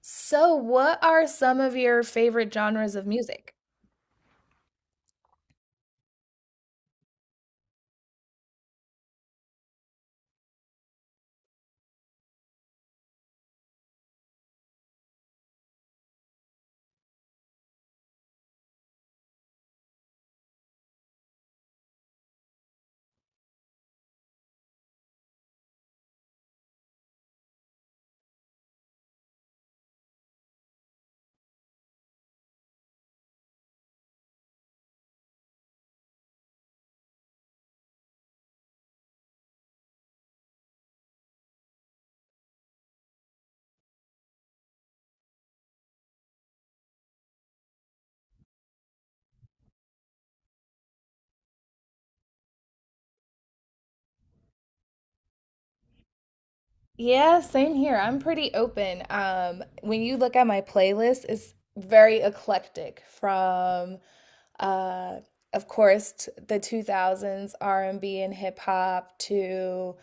So, what are some of your favorite genres of music? Yeah, same here. I'm pretty open. When you look at my playlist, it's very eclectic from uh of course t the 2000s R&B and B and hip hop to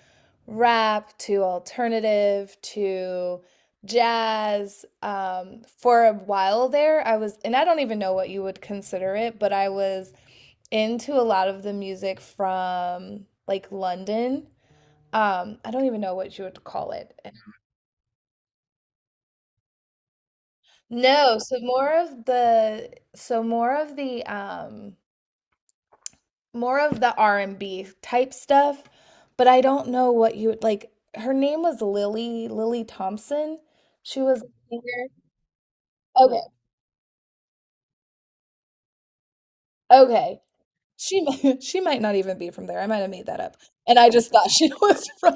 rap to alternative to jazz. For a while there, I was, and I don't even know what you would consider it, but I was into a lot of the music from like London. I don't even know what you would call it. No, so more of the R&B type stuff, but I don't know what you would like. Her name was Lily Thompson. She was a singer. Okay. Okay. She might not even be from there. I might have made that up. And I just thought she was from.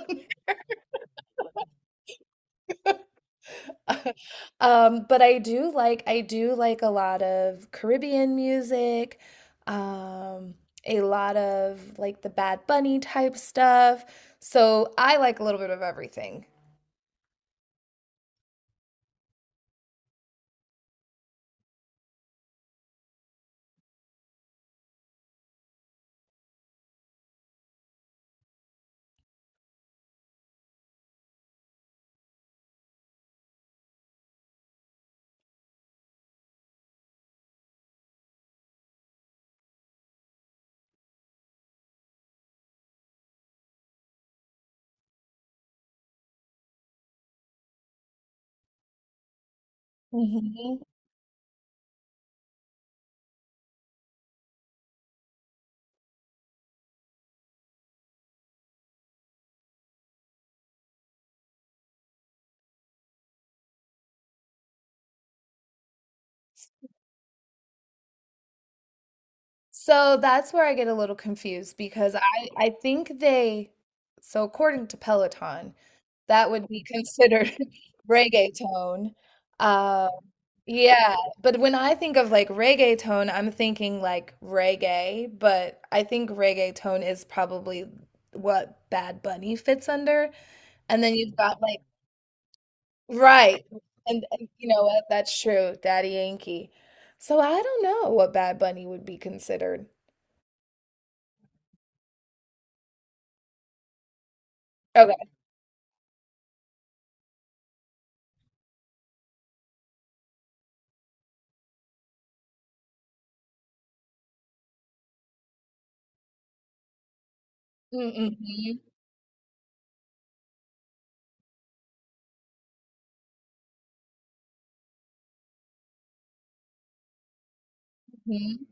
But I do like a lot of Caribbean music, um, a lot of like the Bad Bunny type stuff. So I like a little bit of everything. Mhm. So that's where I get a little confused because I think they, so according to Peloton, that would be considered reggaeton. Um, Yeah, but when I think of like reggaeton, I'm thinking like reggae, but I think reggaeton is probably what Bad Bunny fits under. And then you've got like, right. And you know what? That's true, Daddy Yankee. So I don't know what Bad Bunny would be considered. Okay. Mm-hmm. hmm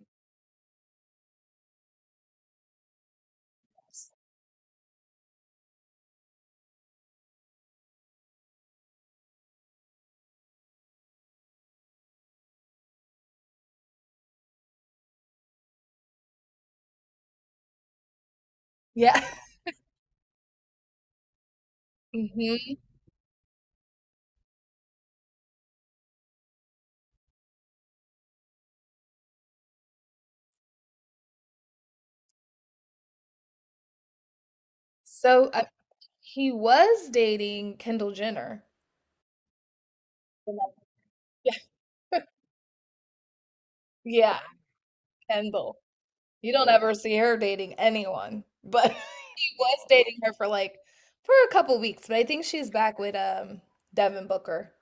Yeah. hmm So he was dating Kendall Jenner. Yeah. Yeah, Kendall. You don't ever see her dating anyone, but he was dating her for a couple weeks, but I think she's back with Devin Booker.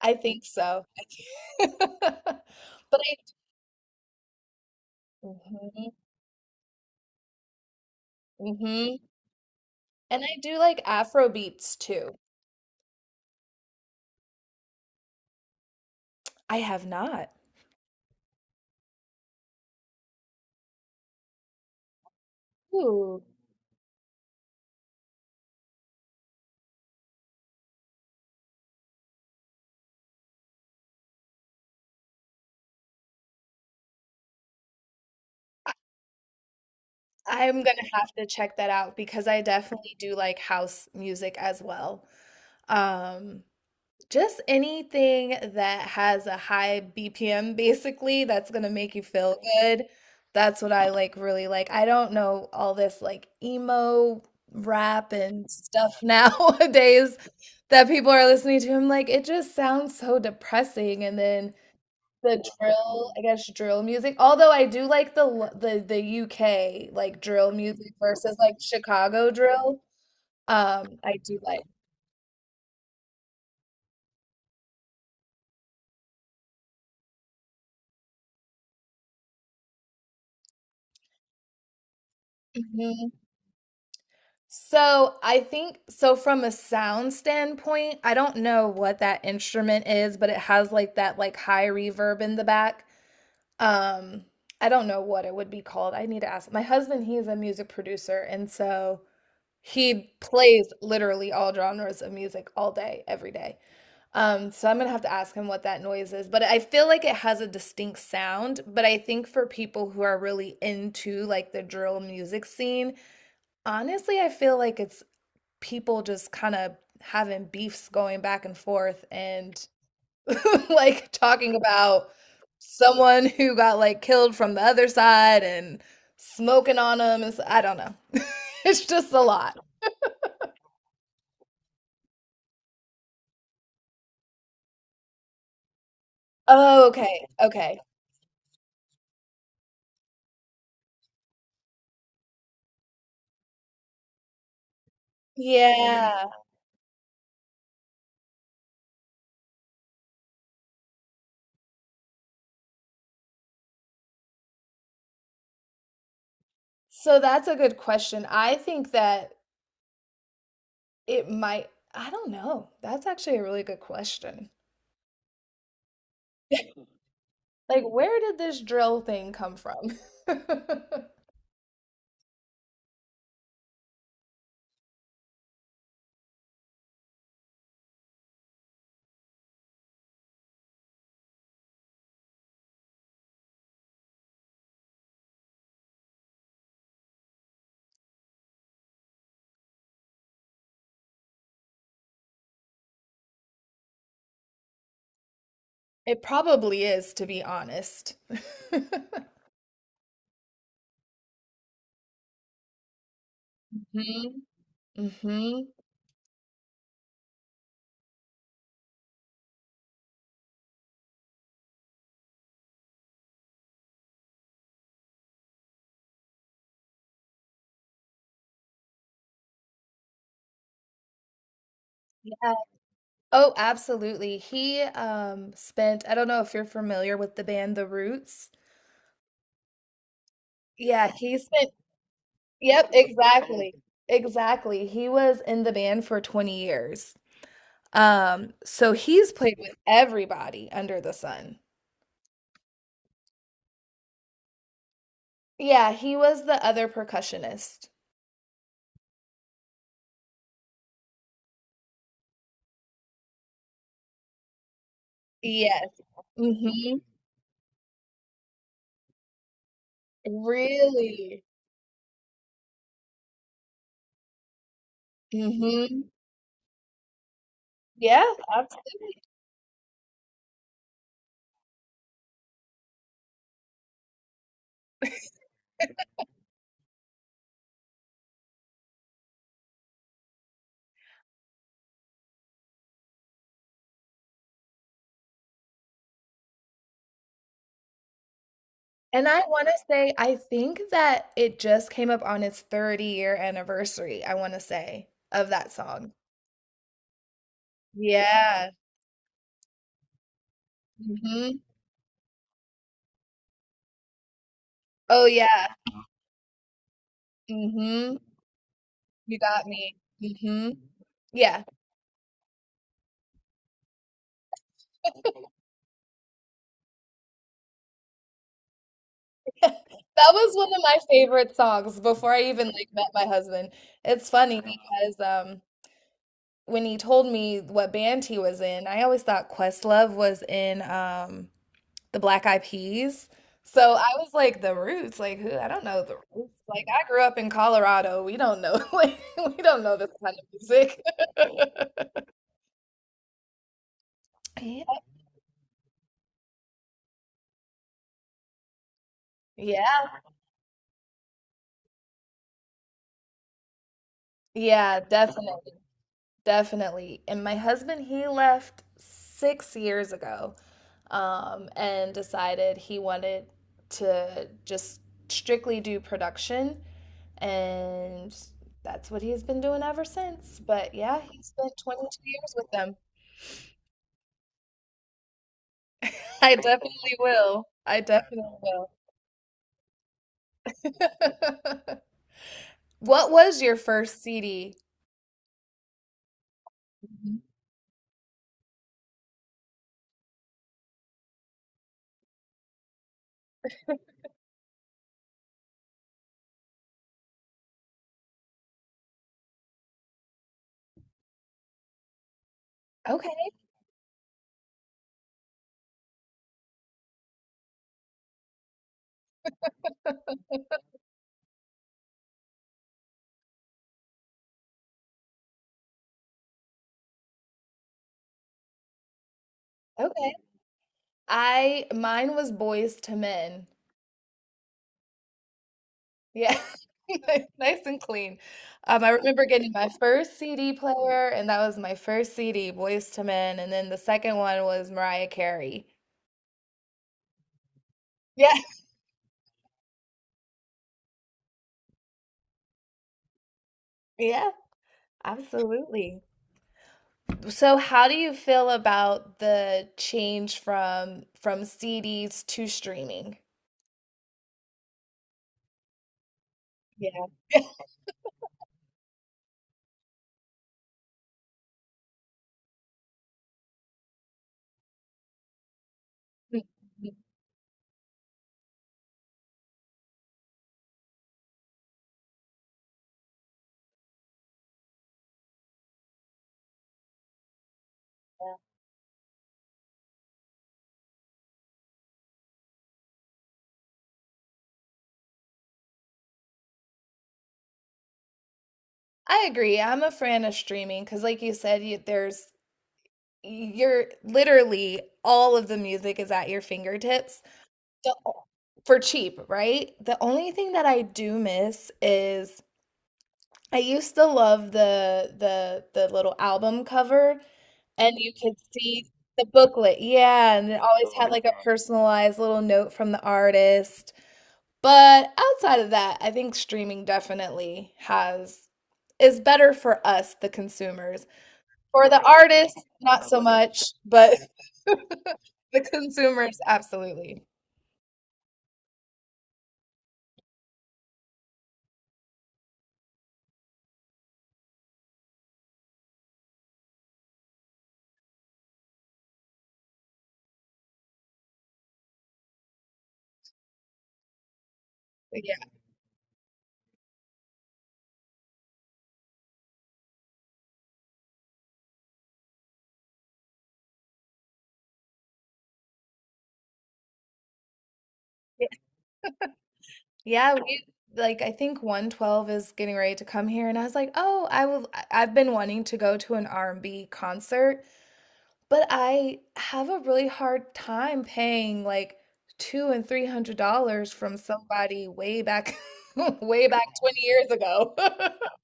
I think so. But I. Mhm, mhm. And I do like Afro beats too. I have not. Ooh. I'm gonna have to check that out because I definitely do like house music as well. Um, Just anything that has a high BPM basically that's gonna make you feel good. That's what I really like. I don't know all this like emo rap and stuff nowadays that people are listening to. I'm like, it just sounds so depressing. And then the drill, I guess drill music. Although I do like the l- the UK like drill music versus like Chicago drill. I do like. So I think, so from a sound standpoint, I don't know what that instrument is, but it has like that like high reverb in the back. Um, I don't know what it would be called. I need to ask. My husband, he is a music producer, and so he plays literally all genres of music all day, every day. So I'm gonna have to ask him what that noise is, but I feel like it has a distinct sound. But I think for people who are really into like the drill music scene, honestly, I feel like it's people just kind of having beefs going back and forth and like talking about someone who got like killed from the other side and smoking on them. It's, I don't know. It's just a lot. Oh, okay. Okay. Yeah. So that's a good question. I think that it might, I don't know. That's actually a really good question. Like, where did this drill thing come from? It probably is, to be honest. Mhm. hmm Yeah. Oh, absolutely. He spent, I don't know if you're familiar with the band The Roots. Yeah, he spent, yep, exactly. Exactly. He was in the band for 20 years. So he's played with everybody under the sun. Yeah, he was the other percussionist. Yes. Mm-hmm. Really. Mm-hmm. Yeah, absolutely. And I wanna say, I think that it just came up on its 30-year anniversary, I wanna say, of that song. Yeah. Mhm. Oh, yeah. Mhm. You got me. Mhm. Yeah. That was one of my favorite songs before I even, like, met my husband. It's funny because, when he told me what band he was in, I always thought Questlove was in, the Black Eyed Peas. So I was like, the Roots, like who? I don't know the Roots. Like I grew up in Colorado. We don't know, like we don't know this kind of music. Yeah, yeah, yeah, definitely, definitely. And my husband, he left 6 years ago, and decided he wanted to just strictly do production, and that's what he's been doing ever since. But yeah, he spent 22 years with them. I definitely will. I definitely will. What was your first CD? Mhm. Okay, okay. I Mine was Boys to Men. Yeah. Nice and clean. I remember getting my first CD player, and that was my first CD, Boys to Men, and then the second one was Mariah Carey. Yeah, yeah, absolutely. So how do you feel about the change from CDs to streaming? Mm, mm. I agree. I'm a fan of streaming because, like you said, there's, you're literally, all of the music is at your fingertips. The for cheap, right? The only thing that I do miss is I used to love the little album cover, and you could see the booklet, yeah, and it always had like a personalized little note from the artist. But outside of that, I think streaming definitely has is better for us, the consumers. For the artists, not so much, but the consumers, absolutely. Yeah. Yeah, yeah, we, like I think 112 is getting ready to come here and I was like, "Oh, I will I've been wanting to go to an R&B concert." But I have a really hard time paying like two and three hundred dollars from somebody way back, way back 20 years ago.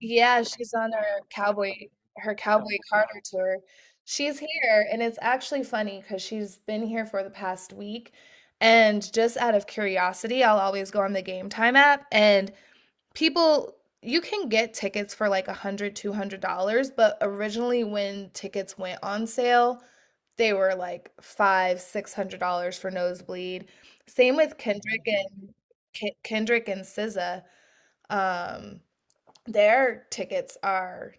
Yeah, she's on cowboy her Cowboy Carter tour. She's here, and it's actually funny because she's been here for the past week. And just out of curiosity, I'll always go on the Game Time app, and people, you can get tickets for like a hundred, two hundred dollars, but originally when tickets went on sale, they were like five, six hundred dollars for nosebleed. Same with Kendrick, and Kendrick and SZA, um, their tickets are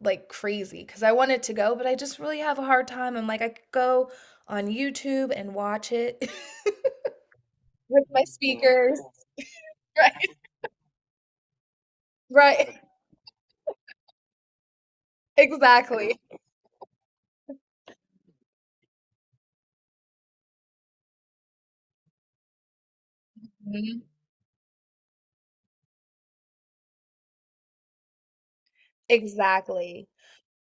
like crazy because I wanted to go, but I just really have a hard time. I'm like, I could go on YouTube and watch it with my speakers. Right, right, exactly. Mhm. Exactly.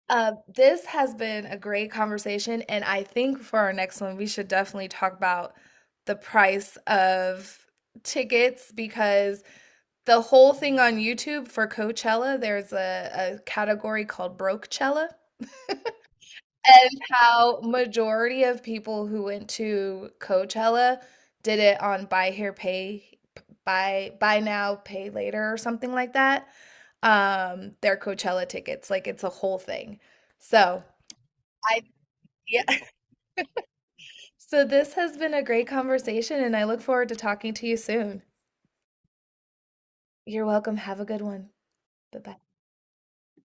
This has been a great conversation, and I think for our next one, we should definitely talk about the price of tickets, because the whole thing on YouTube for Coachella, there's a category called Brokecella, and how majority of people who went to Coachella did it on buy here, pay, buy now, pay later, or something like that. Their Coachella tickets, like it's a whole thing. So I, yeah. So this has been a great conversation, and I look forward to talking to you soon. You're welcome. Have a good one. Bye bye.